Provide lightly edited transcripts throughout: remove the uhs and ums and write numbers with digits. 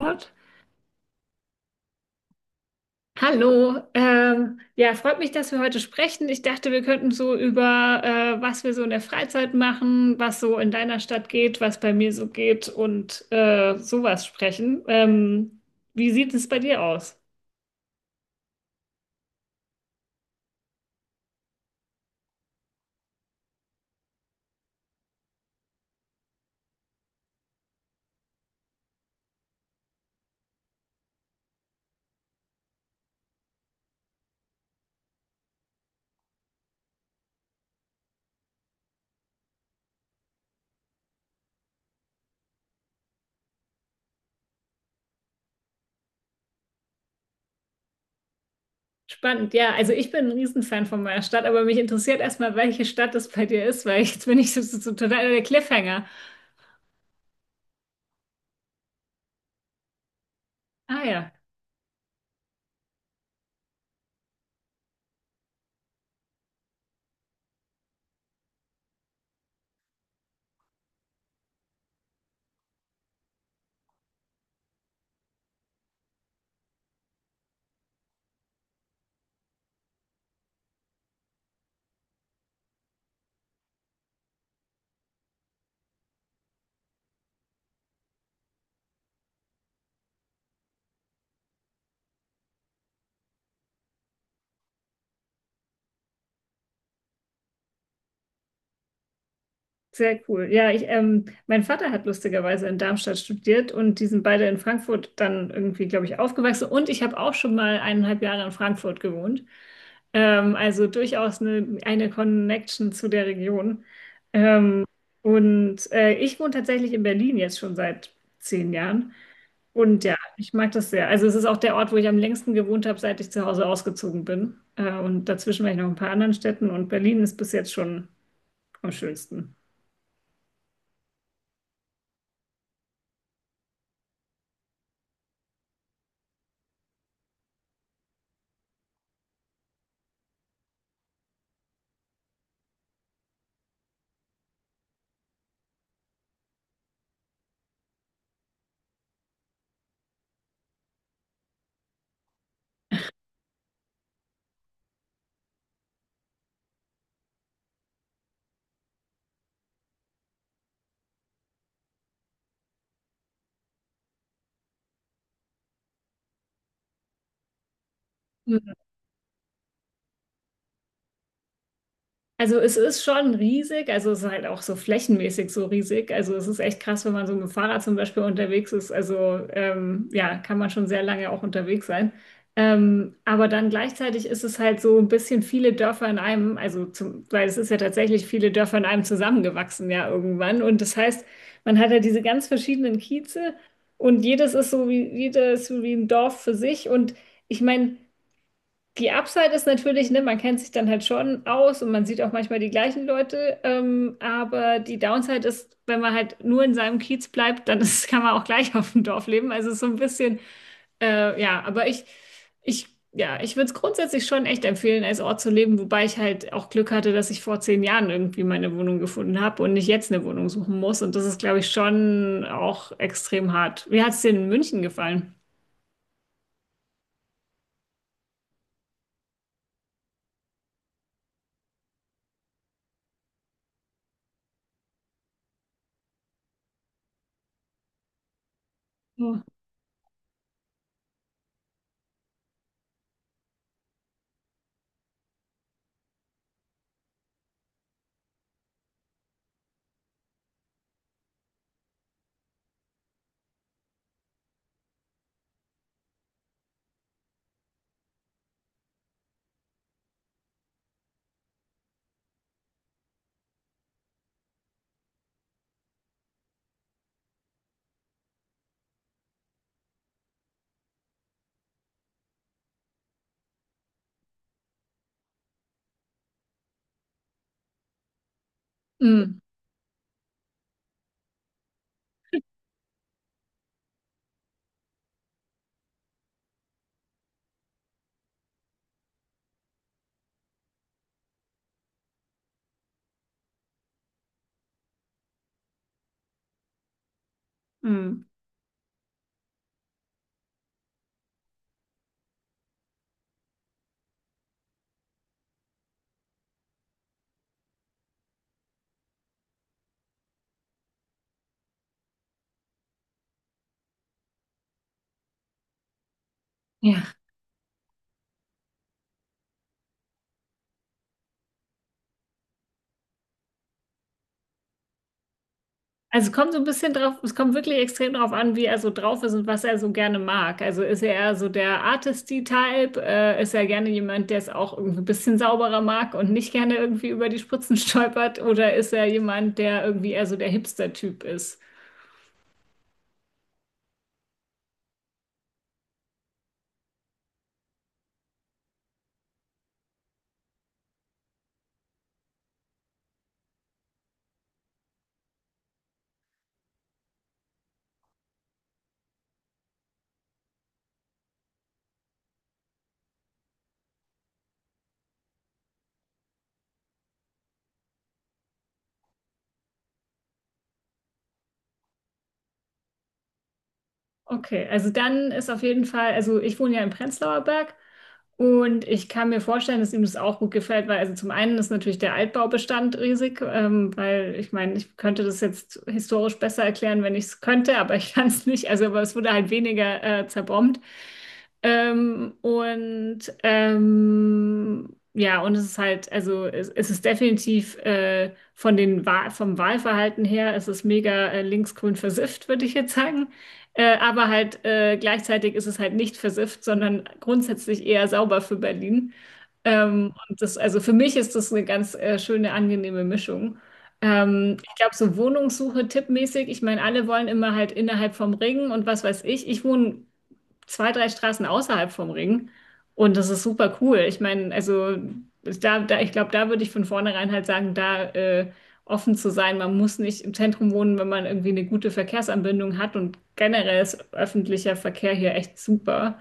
Gott. Hallo, ja, freut mich, dass wir heute sprechen. Ich dachte, wir könnten so über, was wir so in der Freizeit machen, was so in deiner Stadt geht, was bei mir so geht und sowas sprechen. Wie sieht es bei dir aus? Spannend, ja. Also ich bin ein Riesenfan von meiner Stadt, aber mich interessiert erstmal, welche Stadt es bei dir ist, weil jetzt bin ich so total der Cliffhanger. Ah ja. Sehr cool. Ja, ich, mein Vater hat lustigerweise in Darmstadt studiert und die sind beide in Frankfurt dann irgendwie, glaube ich, aufgewachsen. Und ich habe auch schon mal 1,5 Jahre in Frankfurt gewohnt. Also durchaus eine Connection zu der Region. Und ich wohne tatsächlich in Berlin jetzt schon seit 10 Jahren. Und ja, ich mag das sehr. Also es ist auch der Ort, wo ich am längsten gewohnt habe, seit ich zu Hause ausgezogen bin. Und dazwischen war ich noch in ein paar anderen Städten und Berlin ist bis jetzt schon am schönsten. Also es ist schon riesig, also es ist halt auch so flächenmäßig so riesig. Also es ist echt krass, wenn man so mit dem Fahrrad zum Beispiel unterwegs ist. Also ja, kann man schon sehr lange auch unterwegs sein. Aber dann gleichzeitig ist es halt so ein bisschen viele Dörfer in einem, also weil es ist ja tatsächlich viele Dörfer in einem zusammengewachsen ja irgendwann. Und das heißt, man hat ja diese ganz verschiedenen Kieze und jedes ist so wie, jedes so wie ein Dorf für sich. Und ich meine, die Upside ist natürlich, ne, man kennt sich dann halt schon aus und man sieht auch manchmal die gleichen Leute, aber die Downside ist, wenn man halt nur in seinem Kiez bleibt, dann ist, kann man auch gleich auf dem Dorf leben. Also es ist so ein bisschen, ja, aber ich, ja, ich würde es grundsätzlich schon echt empfehlen, als Ort zu leben, wobei ich halt auch Glück hatte, dass ich vor 10 Jahren irgendwie meine Wohnung gefunden habe und nicht jetzt eine Wohnung suchen muss. Und das ist, glaube ich, schon auch extrem hart. Wie hat es dir in München gefallen? Ja. Mm, mm. Ja. Also kommt so ein bisschen drauf, es kommt wirklich extrem drauf an, wie er so drauf ist und was er so gerne mag. Also ist er eher so der Artisty-Type, ist er gerne jemand, der es auch irgendwie ein bisschen sauberer mag und nicht gerne irgendwie über die Spritzen stolpert, oder ist er jemand, der irgendwie eher so der Hipster-Typ ist? Okay, also dann ist auf jeden Fall, also ich wohne ja im Prenzlauer Berg und ich kann mir vorstellen, dass ihm das auch gut gefällt, weil also zum einen ist natürlich der Altbaubestand riesig, weil ich meine, ich könnte das jetzt historisch besser erklären, wenn ich es könnte, aber ich kann es nicht, also aber es wurde halt weniger zerbombt. Und ja, und es ist halt, also es ist definitiv von den Wahl, vom Wahlverhalten her, es ist mega linksgrün versifft, würde ich jetzt sagen. Aber halt gleichzeitig ist es halt nicht versifft, sondern grundsätzlich eher sauber für Berlin. Und das, also für mich ist das eine ganz schöne, angenehme Mischung. Ich glaube, so Wohnungssuche tippmäßig, ich meine, alle wollen immer halt innerhalb vom Ring und was weiß ich. Ich wohne zwei, drei Straßen außerhalb vom Ring. Und das ist super cool. Ich meine, also ich glaube, da würde ich von vornherein halt sagen, da offen zu sein. Man muss nicht im Zentrum wohnen, wenn man irgendwie eine gute Verkehrsanbindung hat. Und generell ist öffentlicher Verkehr hier echt super.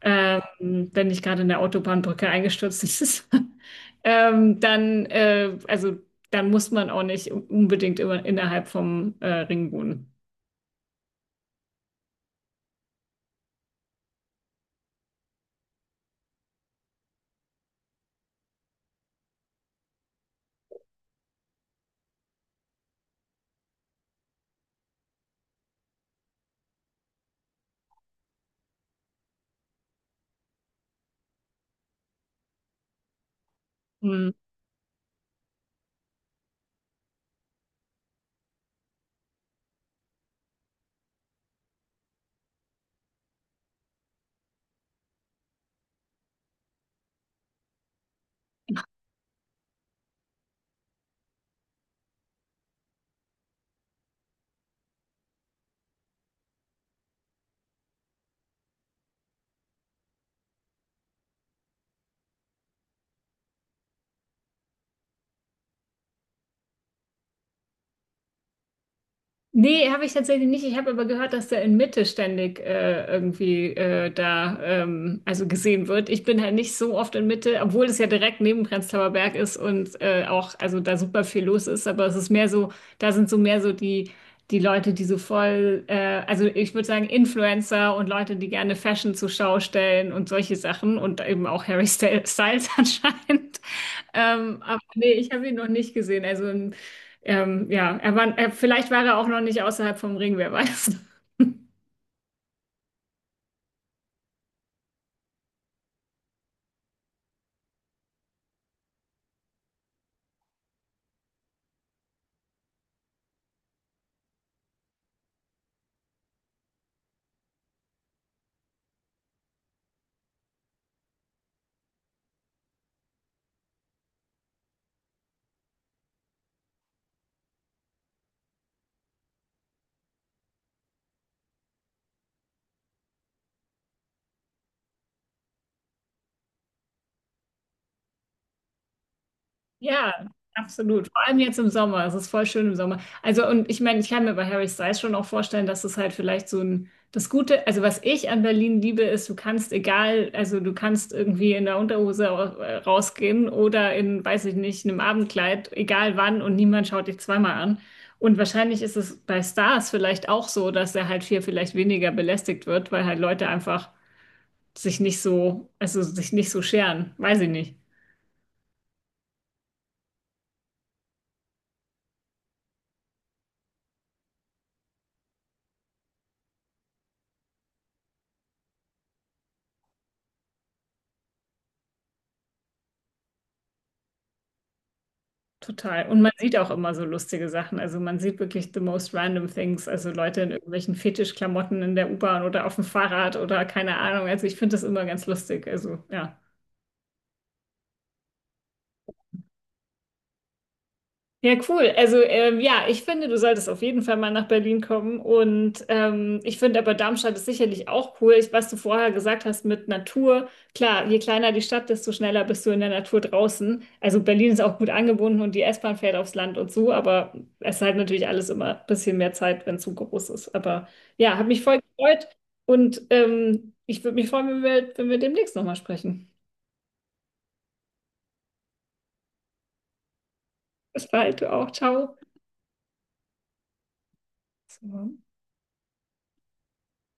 Ähm, wenn nicht gerade in der Autobahnbrücke eingestürzt ist, ähm, dann, äh, also, dann muss man auch nicht unbedingt immer innerhalb vom Ring wohnen. Hm. Nee, habe ich tatsächlich nicht. Ich habe aber gehört, dass der in Mitte ständig irgendwie da also gesehen wird. Ich bin halt nicht so oft in Mitte, obwohl es ja direkt neben Prenzlauer Berg ist und auch also da super viel los ist. Aber es ist mehr so, da sind so mehr so die Leute, die so voll, also ich würde sagen Influencer und Leute, die gerne Fashion zur Schau stellen und solche Sachen und eben auch Harry Styles anscheinend. Aber nee, ich habe ihn noch nicht gesehen. Also ja, vielleicht war er auch noch nicht außerhalb vom Ring, wer weiß. Ja, absolut. Vor allem jetzt im Sommer. Es ist voll schön im Sommer. Also, und ich meine, ich kann mir bei Harry Styles schon auch vorstellen, dass es halt vielleicht so ein, das Gute, also was ich an Berlin liebe, ist, du kannst egal, also du kannst irgendwie in der Unterhose rausgehen oder in, weiß ich nicht, einem Abendkleid, egal wann, und niemand schaut dich zweimal an. Und wahrscheinlich ist es bei Stars vielleicht auch so, dass er halt viel, vielleicht weniger belästigt wird, weil halt Leute einfach sich nicht so, also sich nicht so scheren. Weiß ich nicht. Total. Und man sieht auch immer so lustige Sachen. Also man sieht wirklich the most random things. Also Leute in irgendwelchen Fetischklamotten in der U-Bahn oder auf dem Fahrrad oder keine Ahnung. Also ich finde das immer ganz lustig. Also ja. Ja, cool. Also ja, ich finde, du solltest auf jeden Fall mal nach Berlin kommen. Und ich finde aber Darmstadt ist sicherlich auch cool. Ich, was du vorher gesagt hast mit Natur, klar, je kleiner die Stadt, desto schneller bist du in der Natur draußen. Also Berlin ist auch gut angebunden und die S-Bahn fährt aufs Land und so, aber es ist halt natürlich alles immer ein bisschen mehr Zeit, wenn es so groß ist. Aber ja, hat mich voll gefreut und ich würde mich freuen, wenn wir demnächst nochmal sprechen. Bis bald, du auch. Ciao. So.